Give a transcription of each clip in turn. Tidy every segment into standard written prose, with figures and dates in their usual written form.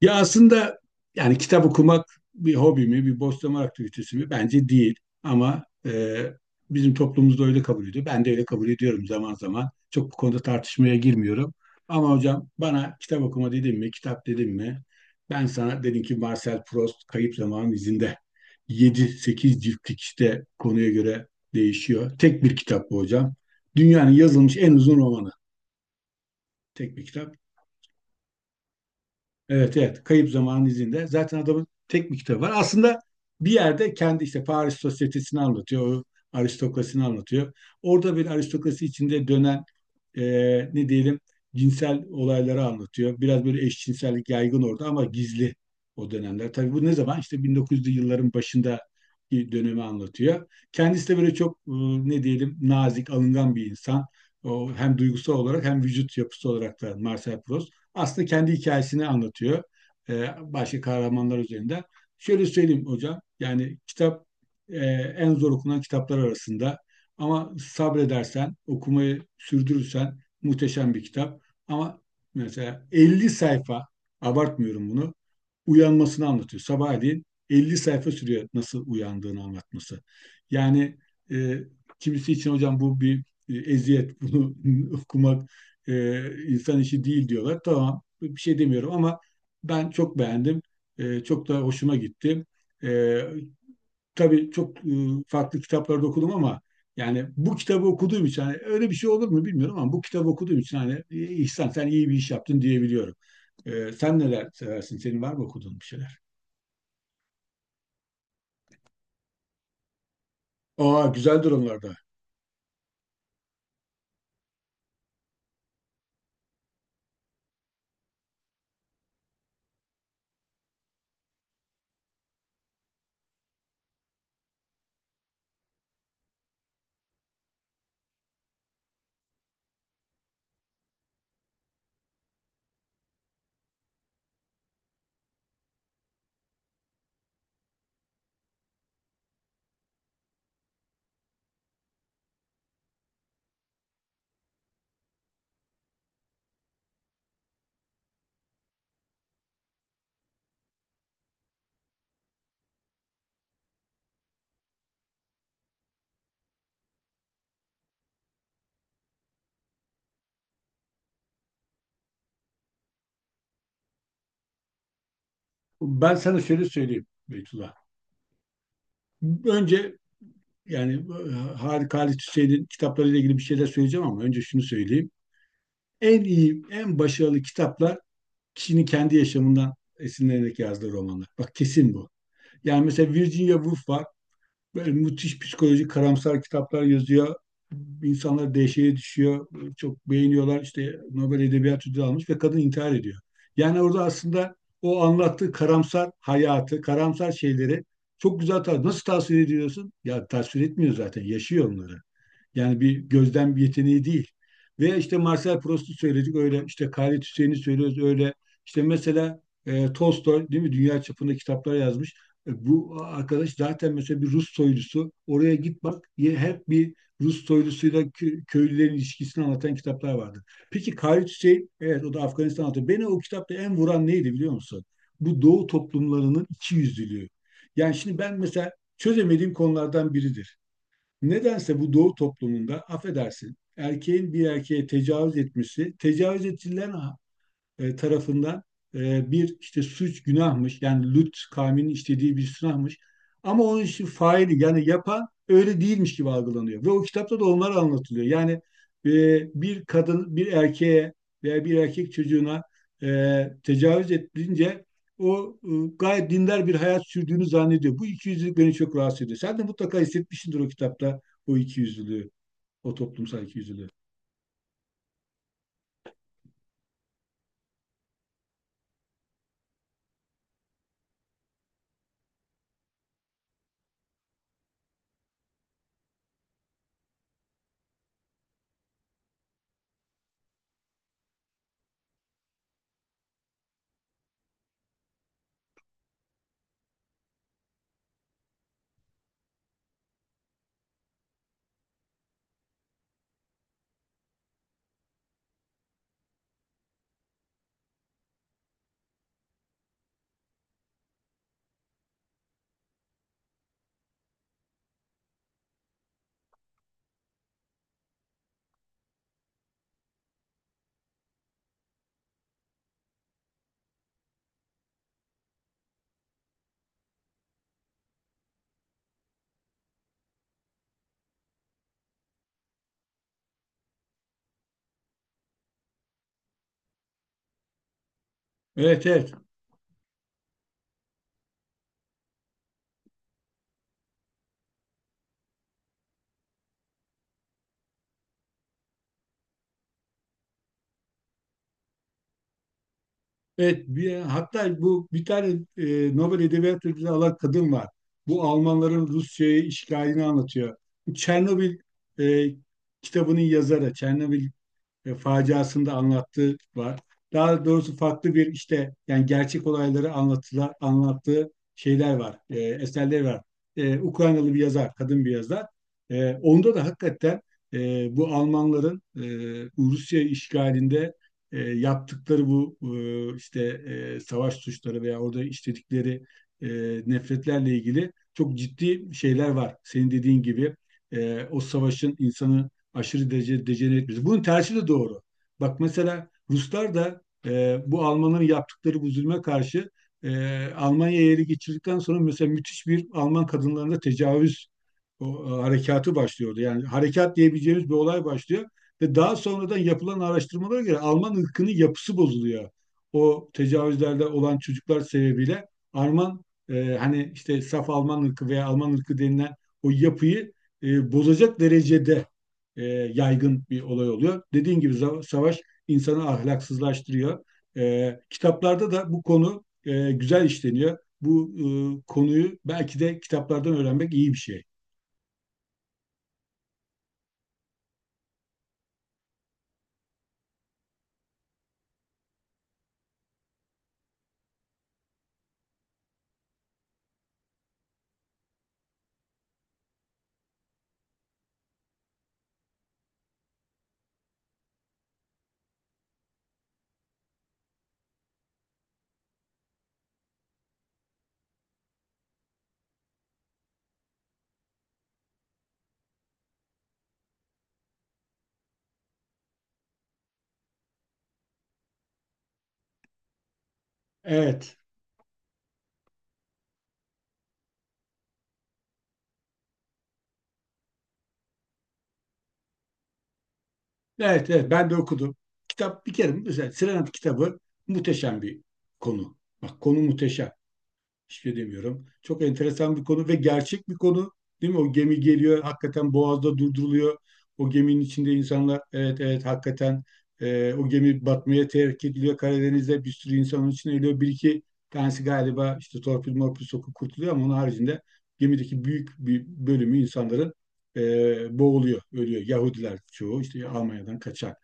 Ya aslında yani kitap okumak bir hobi mi, bir boş zaman aktivitesi mi? Bence değil. Ama bizim toplumumuzda öyle kabul ediyor. Ben de öyle kabul ediyorum zaman zaman. Çok bu konuda tartışmaya girmiyorum. Ama hocam bana kitap okuma dedim mi, kitap dedim mi? Ben sana dedim ki Marcel Proust Kayıp Zamanın İzinde. Yedi sekiz ciltlik işte konuya göre değişiyor. Tek bir kitap bu hocam. Dünyanın yazılmış en uzun romanı. Tek bir kitap. Evet evet. Kayıp Zamanın izinde. Zaten adamın tek bir kitabı var. Aslında bir yerde kendi işte Paris sosyetesini anlatıyor. O aristokrasini anlatıyor. Orada bir aristokrasi içinde dönen e, ne diyelim cinsel olayları anlatıyor. Biraz böyle eşcinsellik yaygın orada ama gizli o dönemler. Tabii bu ne zaman? İşte 1900'lü yılların başında bir dönemi anlatıyor. Kendisi de böyle çok ne diyelim nazik, alıngan bir insan. O hem duygusal olarak hem vücut yapısı olarak da Marcel Proust. Aslında kendi hikayesini anlatıyor. e, Başka kahramanlar üzerinde. Şöyle söyleyeyim hocam. Yani kitap e, en zor okunan kitaplar arasında. Ama sabredersen, okumayı sürdürürsen muhteşem bir kitap. Ama mesela 50 sayfa, abartmıyorum bunu, uyanmasını anlatıyor. Sabahleyin 50 sayfa sürüyor nasıl uyandığını anlatması. Yani e, kimisi için hocam bu bir eziyet, bunu okumak insan işi değil diyorlar. Tamam, bir şey demiyorum ama ben çok beğendim. Çok da hoşuma gitti. E, tabii çok farklı kitaplarda okudum ama yani bu kitabı okuduğum için hani öyle bir şey olur mu bilmiyorum ama bu kitabı okuduğum için hani İhsan sen iyi bir iş yaptın diyebiliyorum. Sen neler seversin? Senin var mı okuduğun bir şeyler? Aa güzel durumlarda. Ben sana şöyle söyleyeyim Beytullah. Önce yani Harika Halit Hüseyin'in kitaplarıyla ilgili bir şeyler söyleyeceğim ama önce şunu söyleyeyim. En iyi, en başarılı kitaplar kişinin kendi yaşamından esinlenerek yazdığı romanlar. Bak kesin bu. Yani mesela Virginia Woolf var. Böyle müthiş psikolojik karamsar kitaplar yazıyor. İnsanlar dehşete düşüyor. Çok beğeniyorlar. İşte Nobel Edebiyat Ödülü almış ve kadın intihar ediyor. Yani orada aslında o anlattığı karamsar hayatı, karamsar şeyleri çok güzel nasıl tasvir ediyorsun? Ya tasvir etmiyor zaten. Yaşıyor onları. Yani bir gözlem yeteneği değil. Ve işte Marcel Proust'u söyledik öyle işte Halit Hüseyin'i söylüyoruz öyle. İşte mesela Tolstoy değil mi dünya çapında kitaplar yazmış. Bu arkadaş zaten mesela bir Rus soylusu. Oraya git bak hep bir Rus soylusuyla köylülerin ilişkisini anlatan kitaplar vardı. Peki Halit Hüseyin evet o da Afganistan anlatıyor. Beni o kitapta en vuran neydi biliyor musun? Bu Doğu toplumlarının ikiyüzlülüğü. Yani şimdi ben mesela çözemediğim konulardan biridir. Nedense bu doğu toplumunda affedersin erkeğin bir erkeğe tecavüz etmesi tecavüz edilen tarafından bir işte suç günahmış yani Lut kavminin işlediği bir günahmış ama onun işi faili yani yapan öyle değilmiş gibi algılanıyor ve o kitapta da onlar anlatılıyor. Yani e, bir kadın bir erkeğe veya bir erkek çocuğuna e, tecavüz edilince o gayet dindar bir hayat sürdüğünü zannediyor. Bu ikiyüzlülük beni çok rahatsız ediyor. Sen de mutlaka hissetmişsindir o kitapta o ikiyüzlülüğü, o toplumsal ikiyüzlülüğü. Evet, evet. Evet, hatta bu bir tane Nobel Edebiyat Ödülü alan kadın var. Bu Almanların Rusya'ya işgalini anlatıyor. Bu Çernobil e, kitabının yazarı, Çernobil faciasında anlattığı var. Daha doğrusu farklı bir işte yani gerçek olayları anlattığı şeyler var, eserleri var. Ukraynalı bir yazar, kadın bir yazar. Onda da hakikaten bu Almanların Rusya işgalinde yaptıkları bu işte savaş suçları veya orada işledikleri e, nefretlerle ilgili çok ciddi şeyler var. Senin dediğin gibi o savaşın insanı aşırı derece dejenere etmesi. Bunun tersi de doğru. Bak mesela Ruslar da bu Almanların yaptıkları bu zulme karşı Almanya'ya ele geçirdikten sonra mesela müthiş bir Alman kadınlarında tecavüz harekatı başlıyordu. Yani harekat diyebileceğimiz bir olay başlıyor ve daha sonradan yapılan araştırmalara göre Alman ırkının yapısı bozuluyor. O tecavüzlerde olan çocuklar sebebiyle Alman hani işte saf Alman ırkı veya Alman ırkı denilen o yapıyı bozacak derecede e, yaygın bir olay oluyor. Dediğin gibi savaş insanı ahlaksızlaştırıyor. Kitaplarda da bu konu güzel işleniyor. Bu konuyu belki de kitaplardan öğrenmek iyi bir şey. Evet, evet, evet. Ben de okudum. Kitap bir kere mesela Serenat kitabı muhteşem bir konu. Bak konu muhteşem. Hiçbir şey demiyorum. Çok enteresan bir konu ve gerçek bir konu. Değil mi? O gemi geliyor, hakikaten boğazda durduruluyor. O geminin içinde insanlar, evet evet hakikaten o gemi batmaya terk ediliyor. Karadeniz'de bir sürü insanın içine ölüyor. Bir iki tanesi galiba işte torpil morpil sokup kurtuluyor ama onun haricinde gemideki büyük bir bölümü insanların boğuluyor, ölüyor. Yahudiler çoğu işte Almanya'dan kaçan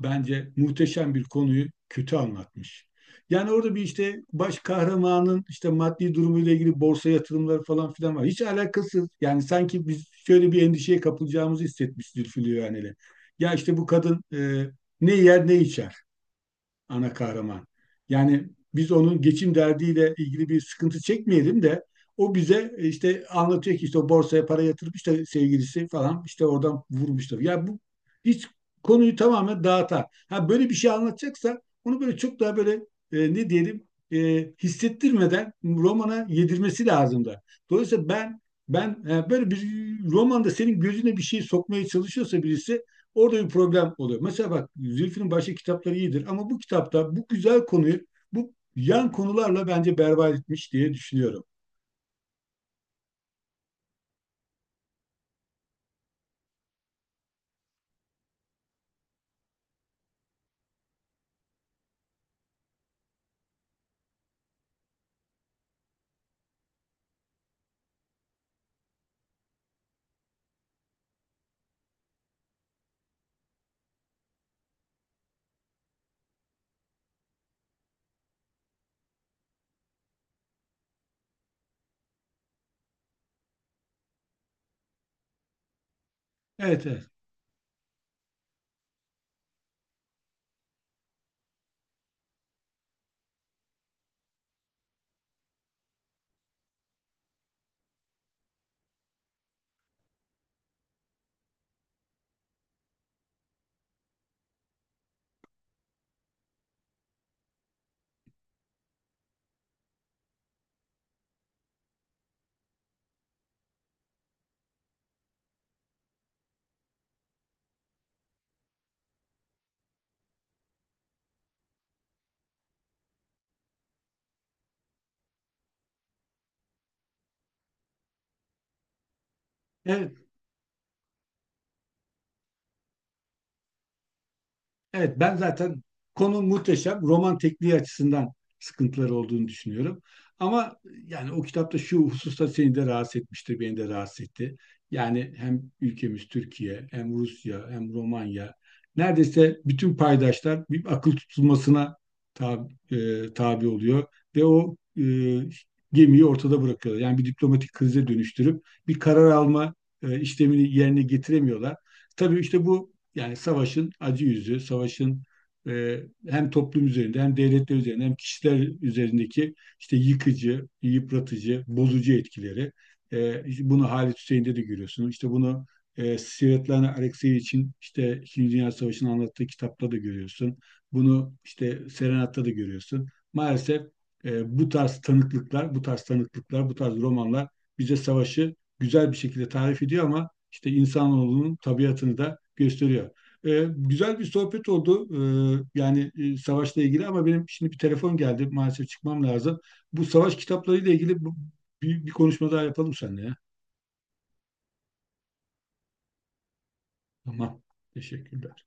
bence muhteşem bir konuyu kötü anlatmış. Yani orada bir işte baş kahramanın işte maddi durumuyla ilgili borsa yatırımları falan filan var. Hiç alakasız. Yani sanki biz şöyle bir endişeye kapılacağımızı hissetmiş Zülfü Livaneli. Ya işte bu kadın ne yer ne içer ana kahraman. Yani biz onun geçim derdiyle ilgili bir sıkıntı çekmeyelim de o bize işte anlatıyor ki işte o borsaya para yatırıp işte sevgilisi falan işte oradan vurmuşlar. Ya bu hiç konuyu tamamen dağıtar. Ha böyle bir şey anlatacaksa onu böyle çok daha böyle ne diyelim hissettirmeden romana yedirmesi lazım da. Dolayısıyla ben böyle bir romanda senin gözüne bir şey sokmaya çalışıyorsa birisi orada bir problem oluyor. Mesela bak Zülfü'nün başka kitapları iyidir ama bu kitapta bu güzel konuyu bu yan konularla bence berbat etmiş diye düşünüyorum. Evet evet. Evet. Evet, ben zaten konu muhteşem. Roman tekniği açısından sıkıntıları olduğunu düşünüyorum. Ama yani o kitapta şu hususta seni de rahatsız etmiştir, beni de rahatsız etti. Yani hem ülkemiz Türkiye, hem Rusya, hem Romanya, neredeyse bütün paydaşlar bir akıl tutulmasına tabi, tabi oluyor ve o gemiyi ortada bırakıyorlar. Yani bir diplomatik krize dönüştürüp bir karar alma işlemini yerine getiremiyorlar. Tabii işte bu yani savaşın acı yüzü, savaşın e, hem toplum üzerinde hem devletler üzerinde hem kişiler üzerindeki işte yıkıcı, yıpratıcı, bozucu etkileri. İşte bunu Halit Hüseyin'de de görüyorsunuz. İşte bunu Svetlana Alekseyevich'in işte İkinci Dünya Savaşı'nı anlattığı kitapta da görüyorsun. Bunu işte Serenat'ta da görüyorsun. Maalesef bu tarz tanıklıklar, bu tarz tanıklıklar, bu tarz romanlar bize savaşı güzel bir şekilde tarif ediyor ama işte insanoğlunun tabiatını da gösteriyor. Güzel bir sohbet oldu. Yani savaşla ilgili ama benim şimdi bir telefon geldi. Maalesef çıkmam lazım. Bu savaş kitaplarıyla ilgili bir konuşma daha yapalım seninle ya. Tamam. Teşekkürler.